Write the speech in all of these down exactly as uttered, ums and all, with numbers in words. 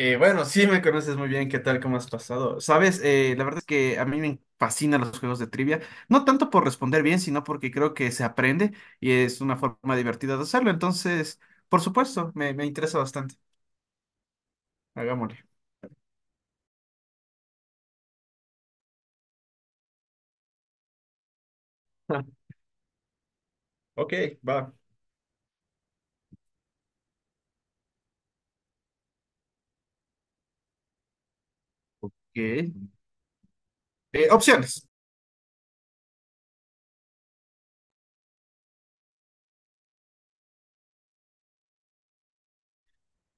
Eh, bueno, sí me conoces muy bien, ¿qué tal? ¿Cómo has pasado? Sabes, eh, la verdad es que a mí me fascinan los juegos de trivia, no tanto por responder bien, sino porque creo que se aprende y es una forma divertida de hacerlo. Entonces, por supuesto, me, me interesa bastante. Hagámosle. Ok, va. Ok. Eh, Opciones.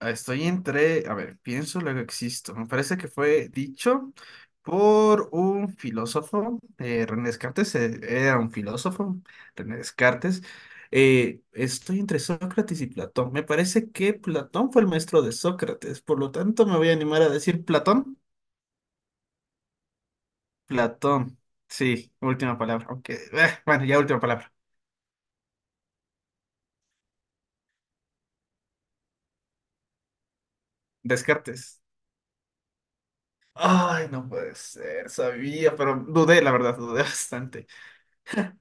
Estoy entre, a ver, pienso, luego existo. Me parece que fue dicho por un filósofo, eh, René Descartes, eh, era un filósofo, René Descartes. Eh, estoy entre Sócrates y Platón. Me parece que Platón fue el maestro de Sócrates, por lo tanto me voy a animar a decir Platón. Platón, sí, última palabra, aunque, eh, bueno, ya última palabra. Descartes. Ay, no puede ser, sabía, pero dudé, la verdad, dudé bastante.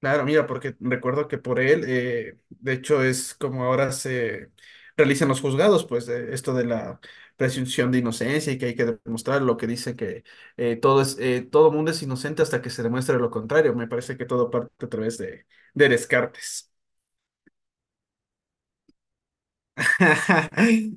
Claro, mira, porque recuerdo que por él, eh, de hecho, es como ahora se realizan los juzgados, pues de esto de la presunción de inocencia y que hay que demostrar lo que dice que eh, todo es, eh, todo mundo es inocente hasta que se demuestre lo contrario. Me parece que todo parte a través de, de Descartes.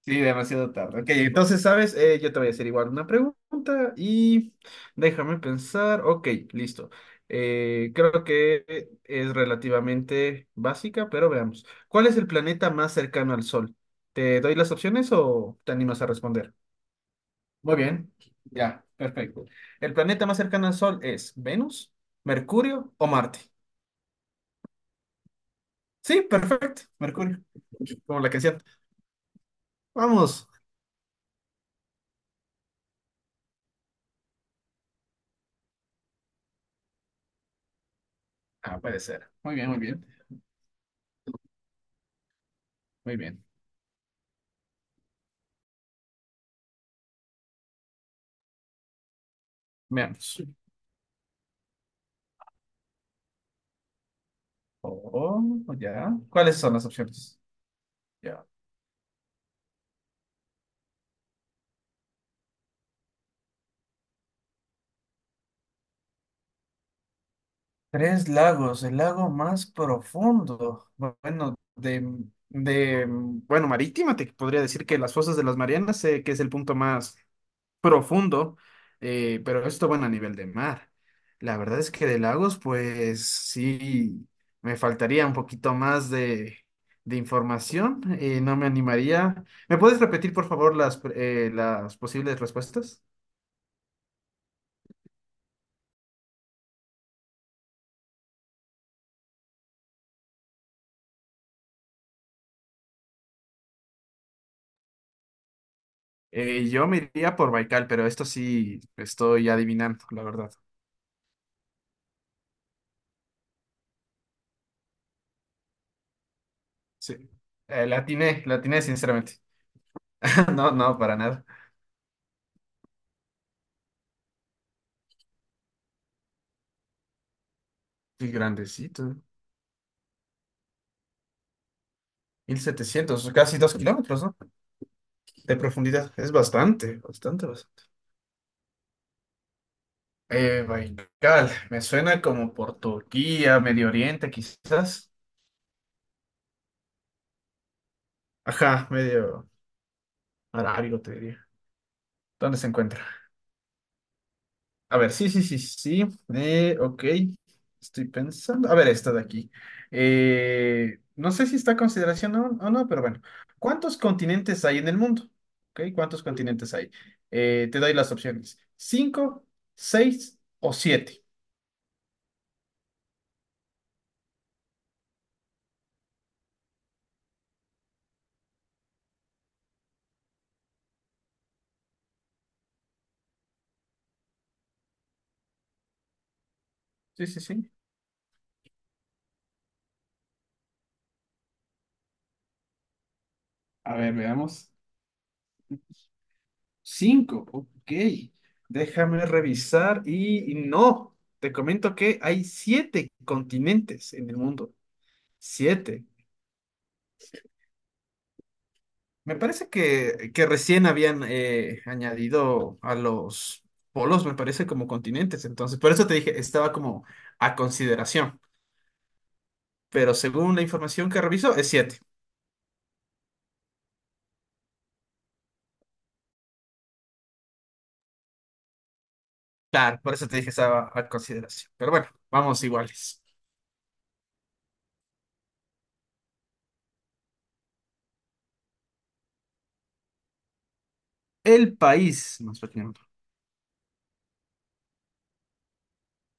Sí, demasiado tarde. Ok, entonces, ¿sabes? Eh, yo te voy a hacer igual una pregunta y déjame pensar. Ok, listo. Eh, creo que es relativamente básica, pero veamos. ¿Cuál es el planeta más cercano al Sol? ¿Te doy las opciones o te animas a responder? Muy bien, ya, perfecto. ¿El planeta más cercano al Sol es Venus, Mercurio o Marte? Sí, perfecto, Mercurio, como la canción. Vamos. Ah, puede ser. Muy bien, muy bien, muy bien. Veamos. Oh, ya. ¿Cuáles son las opciones? Ya. Tres lagos, el lago más profundo. Bueno, de, de, bueno, marítima, te podría decir que las fosas de las Marianas, sé que es el punto más profundo, eh, pero esto, bueno, a nivel de mar. La verdad es que de lagos, pues sí, me faltaría un poquito más de, de información, eh, no me animaría. ¿Me puedes repetir, por favor, las, eh, las posibles respuestas? Eh, yo me iría por Baikal, pero esto sí estoy adivinando, la verdad. Sí. Eh, la atiné, la atiné, sinceramente. No, no, para nada. Qué grandecito. Mil setecientos, casi dos kilómetros, ¿no? De profundidad. Es bastante, bastante, bastante. Eh, Baikal, me suena como por Turquía, Medio Oriente, quizás. Ajá, medio arábigo, te diría. ¿Dónde se encuentra? A ver, sí, sí, sí, sí. Eh, ok, estoy pensando. A ver, esta de aquí. Eh, no sé si está a consideración o, o no, pero bueno. ¿Cuántos continentes hay en el mundo? Ok, ¿cuántos continentes hay? Eh, te doy las opciones. ¿Cinco, seis o siete? Sí, sí, sí. A ver, veamos. Cinco, ok. Déjame revisar y y no, te comento que hay siete continentes en el mundo. Siete. Me parece que, que recién habían eh, añadido a los polos, me parece, como continentes. Entonces, por eso te dije, estaba como a consideración. Pero según la información que reviso, es siete. Claro, por eso te dije, estaba a consideración. Pero bueno, vamos iguales. El país más pequeño.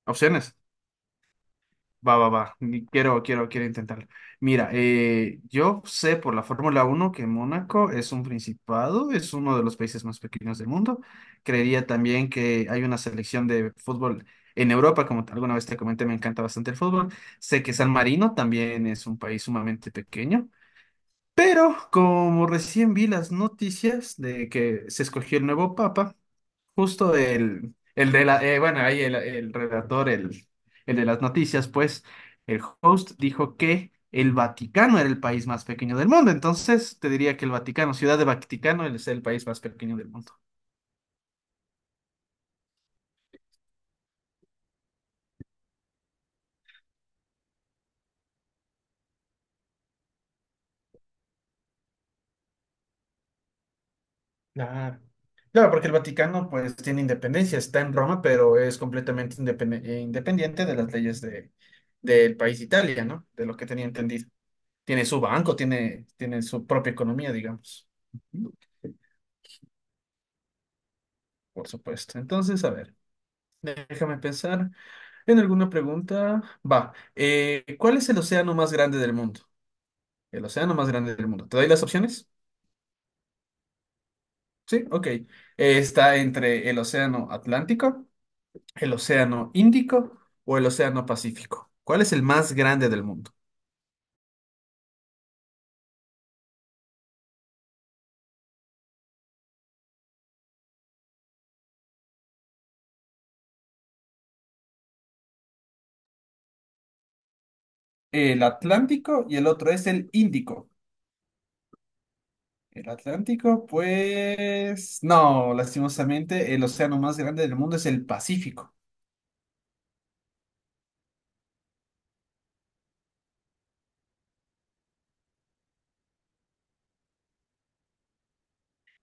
Opciones. Va, va, va. Ni- Quiero, quiero, quiero intentarlo. Mira, eh, yo sé por la Fórmula Uno que Mónaco es un principado, es uno de los países más pequeños del mundo. Creería también que hay una selección de fútbol en Europa, como te- alguna vez te comenté, me encanta bastante el fútbol. Sé que San Marino también es un país sumamente pequeño, pero como recién vi las noticias de que se escogió el nuevo papa, justo el, el de la, eh, bueno, ahí el, el redactor, el, el de las noticias, pues, el host dijo que el Vaticano era el país más pequeño del mundo. Entonces, te diría que el Vaticano, Ciudad de Vaticano, es el país más pequeño del mundo. Ah, claro, porque el Vaticano pues tiene independencia, está en Roma, pero es completamente independen- eh, independiente de las leyes de, del país Italia, ¿no? De lo que tenía entendido. Tiene su banco, tiene, tiene su propia economía, digamos, por supuesto. Entonces, a ver. Déjame pensar en alguna pregunta. Va, eh, ¿cuál es el océano más grande del mundo? El océano más grande del mundo. ¿Te doy las opciones? Sí, ok. Eh, está entre el océano Atlántico, el océano Índico o el océano Pacífico. ¿Cuál es el más grande del mundo? El Atlántico y el otro es el Índico. El Atlántico, pues no, lastimosamente, el océano más grande del mundo es el Pacífico.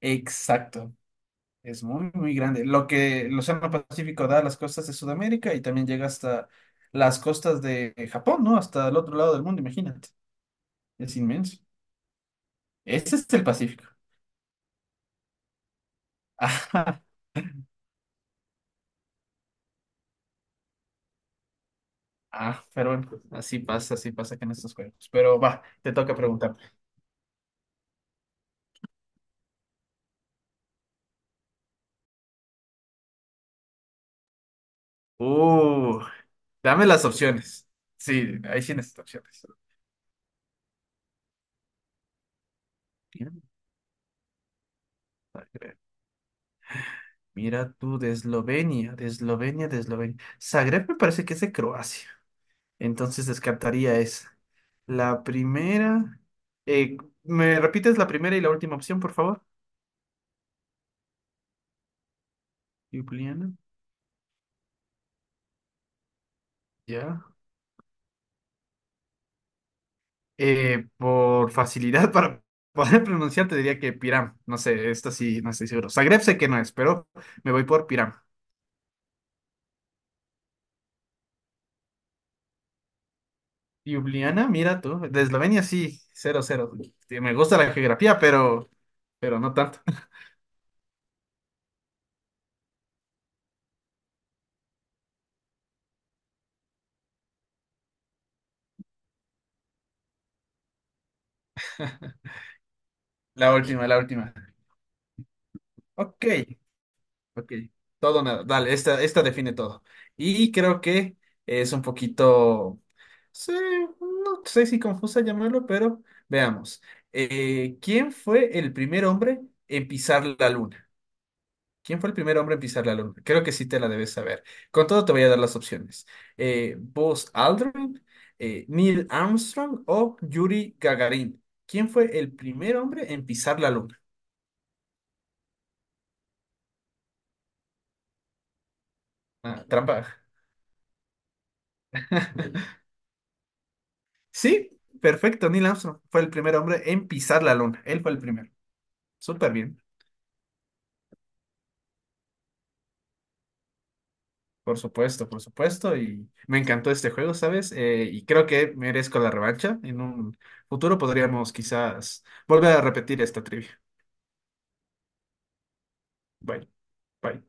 Exacto. Es muy, muy grande. Lo que el Océano Pacífico da a las costas de Sudamérica y también llega hasta las costas de Japón, ¿no? Hasta el otro lado del mundo, imagínate. Es inmenso. Ese es el Pacífico. Ajá. Ah, pero bueno, así pasa, así pasa que en estos juegos. Pero va, te toca preguntar. Uh, Dame las opciones. Sí, ahí sí necesito opciones. Mira, Zagreb. Mira tú, de Eslovenia, de Eslovenia, de Eslovenia. Zagreb me parece que es de Croacia. Entonces descartaría esa. La primera. eh, ¿Me repites la primera y la última opción, por favor? Ljubljana. Ya. Eh, por facilidad para poder pronunciar, te diría que Piram. No sé, esto sí, no estoy seguro. Zagreb sé que no es, pero me voy por Piram. Ljubljana, mira tú. De Eslovenia sí, cero, cero. Sí, me gusta la geografía, pero, pero no tanto. La última, la última. Ok, Ok, todo o nada. Dale, esta, esta define todo. Y creo que es un poquito, sí, no sé si confusa llamarlo, pero veamos. Eh, ¿quién fue el primer hombre en pisar la luna? ¿Quién fue el primer hombre en pisar la luna? Creo que sí te la debes saber. Con todo te voy a dar las opciones. Eh, Buzz Aldrin, eh, Neil Armstrong o Yuri Gagarin. ¿Quién fue el primer hombre en pisar la luna? Ah, trampa. Sí, perfecto. Neil Armstrong fue el primer hombre en pisar la luna. Él fue el primero. Súper bien. Por supuesto, por supuesto. Y me encantó este juego, ¿sabes? Eh, y creo que merezco la revancha. En un futuro podríamos quizás volver a repetir esta trivia. Bye, bye.